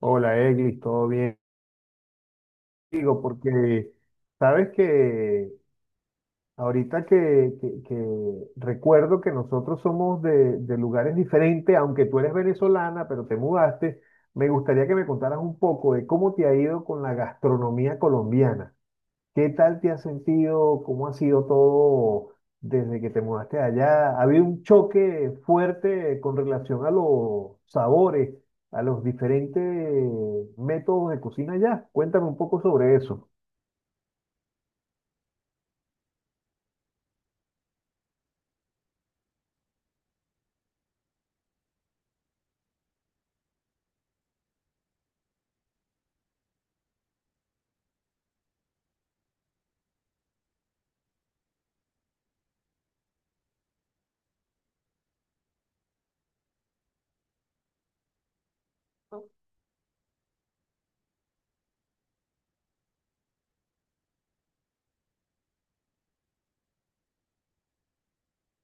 Hola, Eglis, ¿todo bien? Digo, porque sabes que ahorita que recuerdo que nosotros somos de lugares diferentes, aunque tú eres venezolana, pero te mudaste, me gustaría que me contaras un poco de cómo te ha ido con la gastronomía colombiana. ¿Qué tal te has sentido? ¿Cómo ha sido todo desde que te mudaste allá? ¿Ha habido un choque fuerte con relación a los sabores, a los diferentes métodos de cocina allá? Cuéntame un poco sobre eso.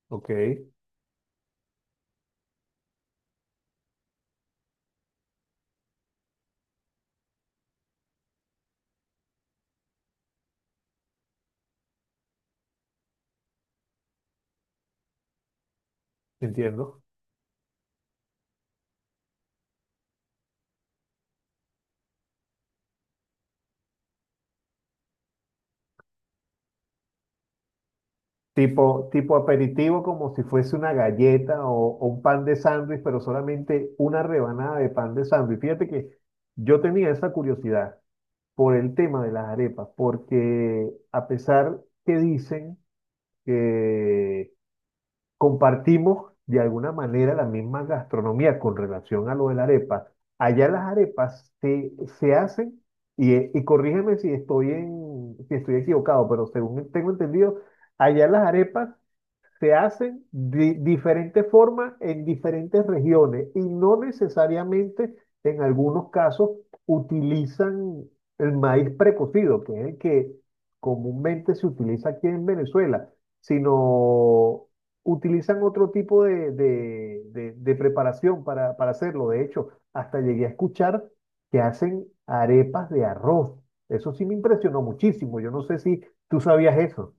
Ok, entiendo. Tipo aperitivo, como si fuese una galleta o un pan de sándwich, pero solamente una rebanada de pan de sándwich. Fíjate que yo tenía esa curiosidad por el tema de las arepas, porque a pesar que dicen que compartimos de alguna manera la misma gastronomía con relación a lo de la arepa, allá las se hacen, y corrígeme si si estoy equivocado, pero según tengo entendido, allá las arepas se hacen de diferentes formas en diferentes regiones y no necesariamente en algunos casos utilizan el maíz precocido, que es el que comúnmente se utiliza aquí en Venezuela, sino utilizan otro tipo de preparación para hacerlo. De hecho, hasta llegué a escuchar que hacen arepas de arroz. Eso sí me impresionó muchísimo. Yo no sé si tú sabías eso.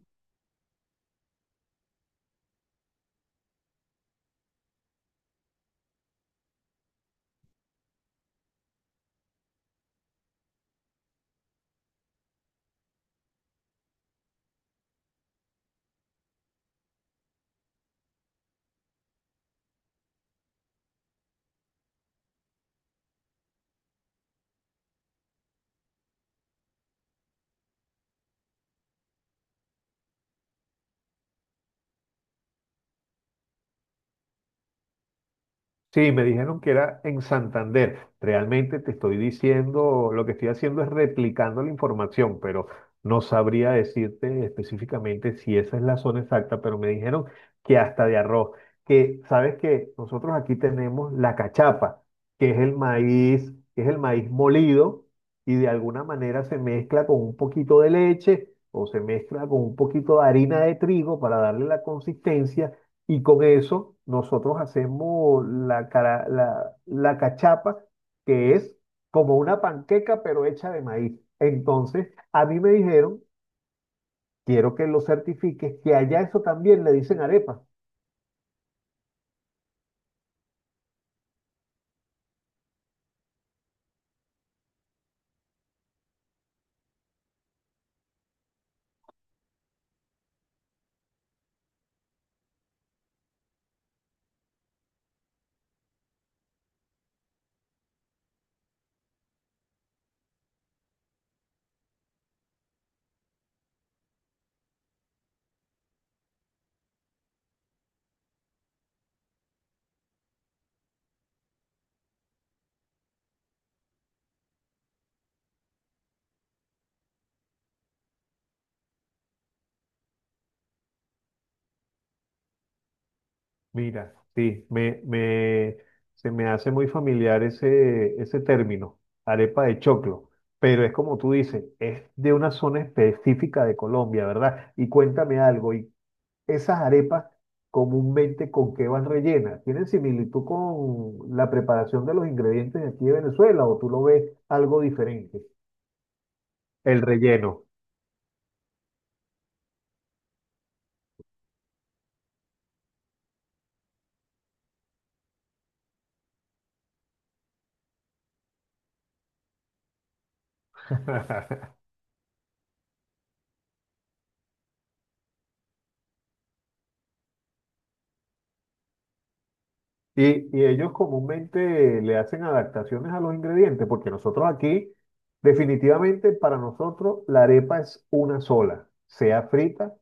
Sí, me dijeron que era en Santander. Realmente te estoy diciendo, lo que estoy haciendo es replicando la información, pero no sabría decirte específicamente si esa es la zona exacta, pero me dijeron que hasta de arroz, que sabes que nosotros aquí tenemos la cachapa, que es el maíz molido y de alguna manera se mezcla con un poquito de leche o se mezcla con un poquito de harina de trigo para darle la consistencia y con eso nosotros hacemos la cachapa, que es como una panqueca, pero hecha de maíz. Entonces, a mí me dijeron, quiero que lo certifiques, que allá eso también le dicen arepa. Mira, sí, se me hace muy familiar ese término, arepa de choclo. Pero es como tú dices, es de una zona específica de Colombia, ¿verdad? Y cuéntame algo. Y Esas arepas comúnmente ¿con qué van rellenas? ¿Tienen similitud con la preparación de los ingredientes de aquí de Venezuela o tú lo ves algo diferente? El relleno. Y, y ellos comúnmente le hacen adaptaciones a los ingredientes, porque nosotros aquí, definitivamente para nosotros, la arepa es una sola, sea frita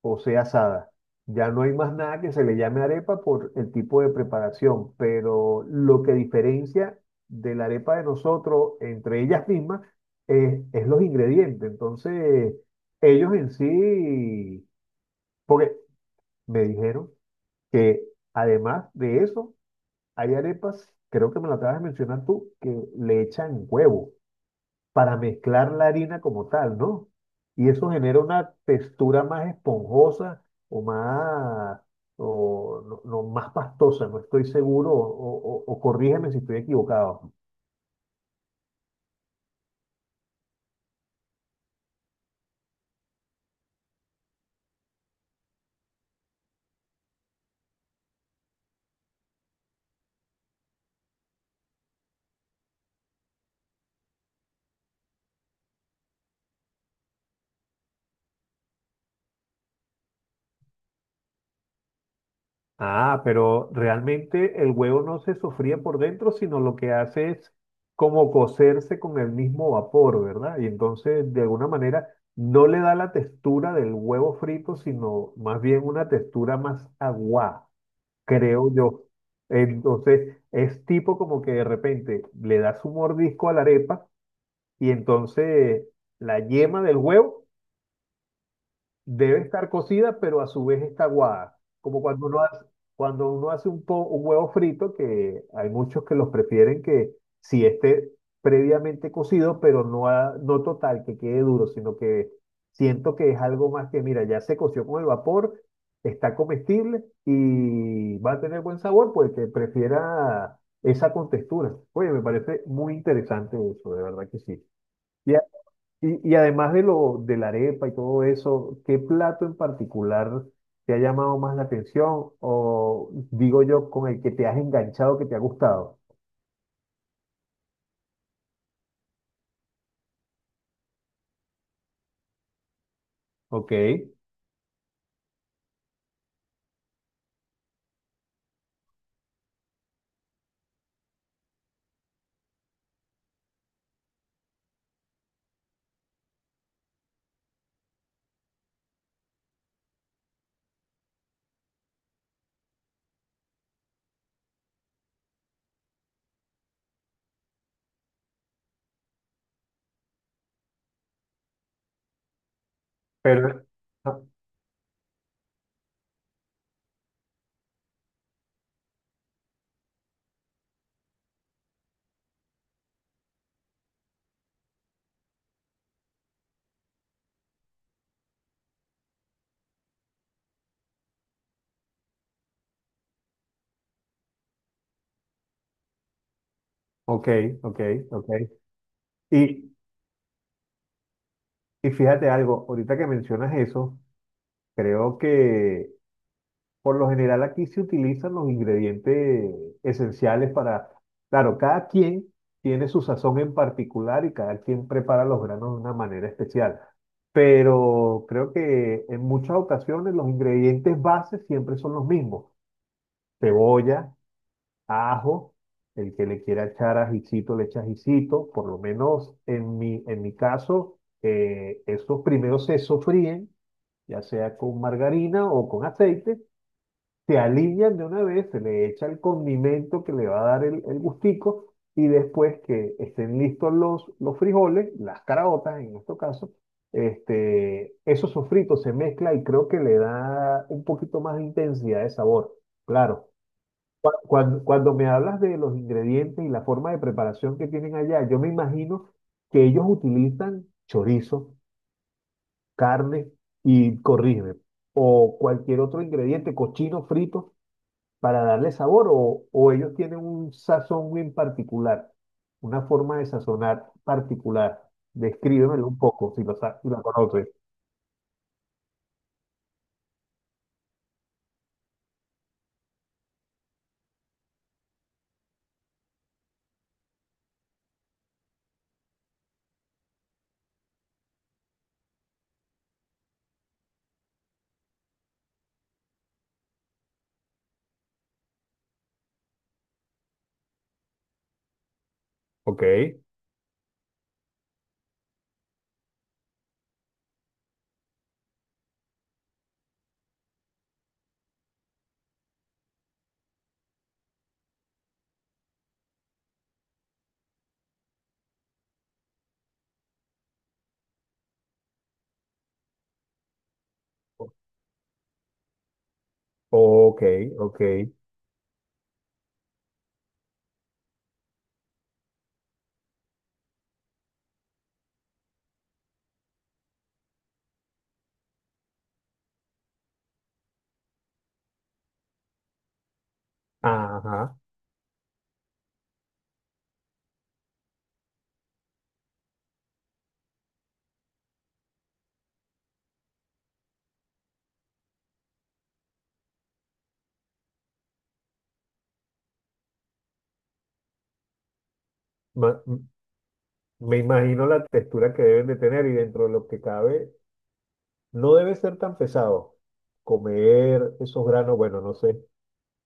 o sea asada. Ya no hay más nada que se le llame arepa por el tipo de preparación, pero lo que diferencia de la arepa de nosotros entre ellas mismas es los ingredientes. Entonces, ellos en sí, porque me dijeron que además de eso, hay arepas, creo que me lo acabas de mencionar tú, que le echan huevo para mezclar la harina como tal, ¿no? Y eso genera una textura más esponjosa o más, no, no, más pastosa, no estoy seguro, o, o corrígeme si estoy equivocado. Ah, pero realmente el huevo no se sofría por dentro, sino lo que hace es como cocerse con el mismo vapor, ¿verdad? Y entonces, de alguna manera, no le da la textura del huevo frito, sino más bien una textura más aguada, creo yo. Entonces, es tipo como que de repente le das un mordisco a la arepa y entonces la yema del huevo debe estar cocida, pero a su vez está aguada. Como cuando uno hace, Cuando uno hace un huevo frito, que hay muchos que los prefieren que si esté previamente cocido, pero no, no total, que quede duro, sino que siento que es algo más que, mira, ya se coció con el vapor, está comestible y va a tener buen sabor, pues que prefiera esa contextura. Oye, me parece muy interesante eso, de verdad que sí. Y además de lo de la arepa y todo eso, ¿qué plato en particular te ha llamado más la atención? O digo yo, con el que te has enganchado, que te ha gustado. Ok, pero... ah, ok, ok, ok. Y, y fíjate algo, ahorita que mencionas eso, creo que por lo general aquí se utilizan los ingredientes esenciales para, claro, cada quien tiene su sazón en particular y cada quien prepara los granos de una manera especial. Pero creo que en muchas ocasiones los ingredientes bases siempre son los mismos. Cebolla, ajo, el que le quiera echar ajicito le echa ajicito. Por lo menos en mi caso, esos primeros se sofríen, ya sea con margarina o con aceite, se alinean de una vez, se le echa el condimento que le va a dar el gustico y después que estén listos los frijoles, las caraotas en este caso, este, eso sofrito se mezcla y creo que le da un poquito más de intensidad de sabor. Claro, cuando me hablas de los ingredientes y la forma de preparación que tienen allá, yo me imagino que ellos utilizan chorizo, carne y corrígeme, o cualquier otro ingrediente, cochino frito para darle sabor o ellos tienen un sazón en particular, una forma de sazonar particular. Descríbemelo un poco si lo conoces. Ok, ok, ok. Ajá. Ma- m- Me imagino la textura que deben de tener y dentro de lo que cabe, no debe ser tan pesado comer esos granos, bueno, no sé.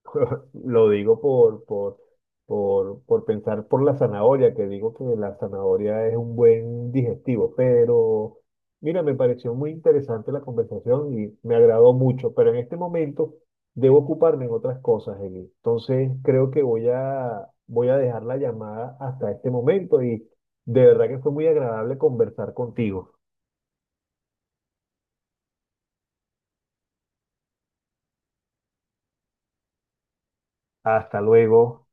Lo digo por pensar por la zanahoria, que digo que la zanahoria es un buen digestivo, pero mira, me pareció muy interesante la conversación y me agradó mucho, pero en este momento debo ocuparme en otras cosas, Eli. Entonces creo que voy a dejar la llamada hasta este momento y de verdad que fue muy agradable conversar contigo. Hasta luego.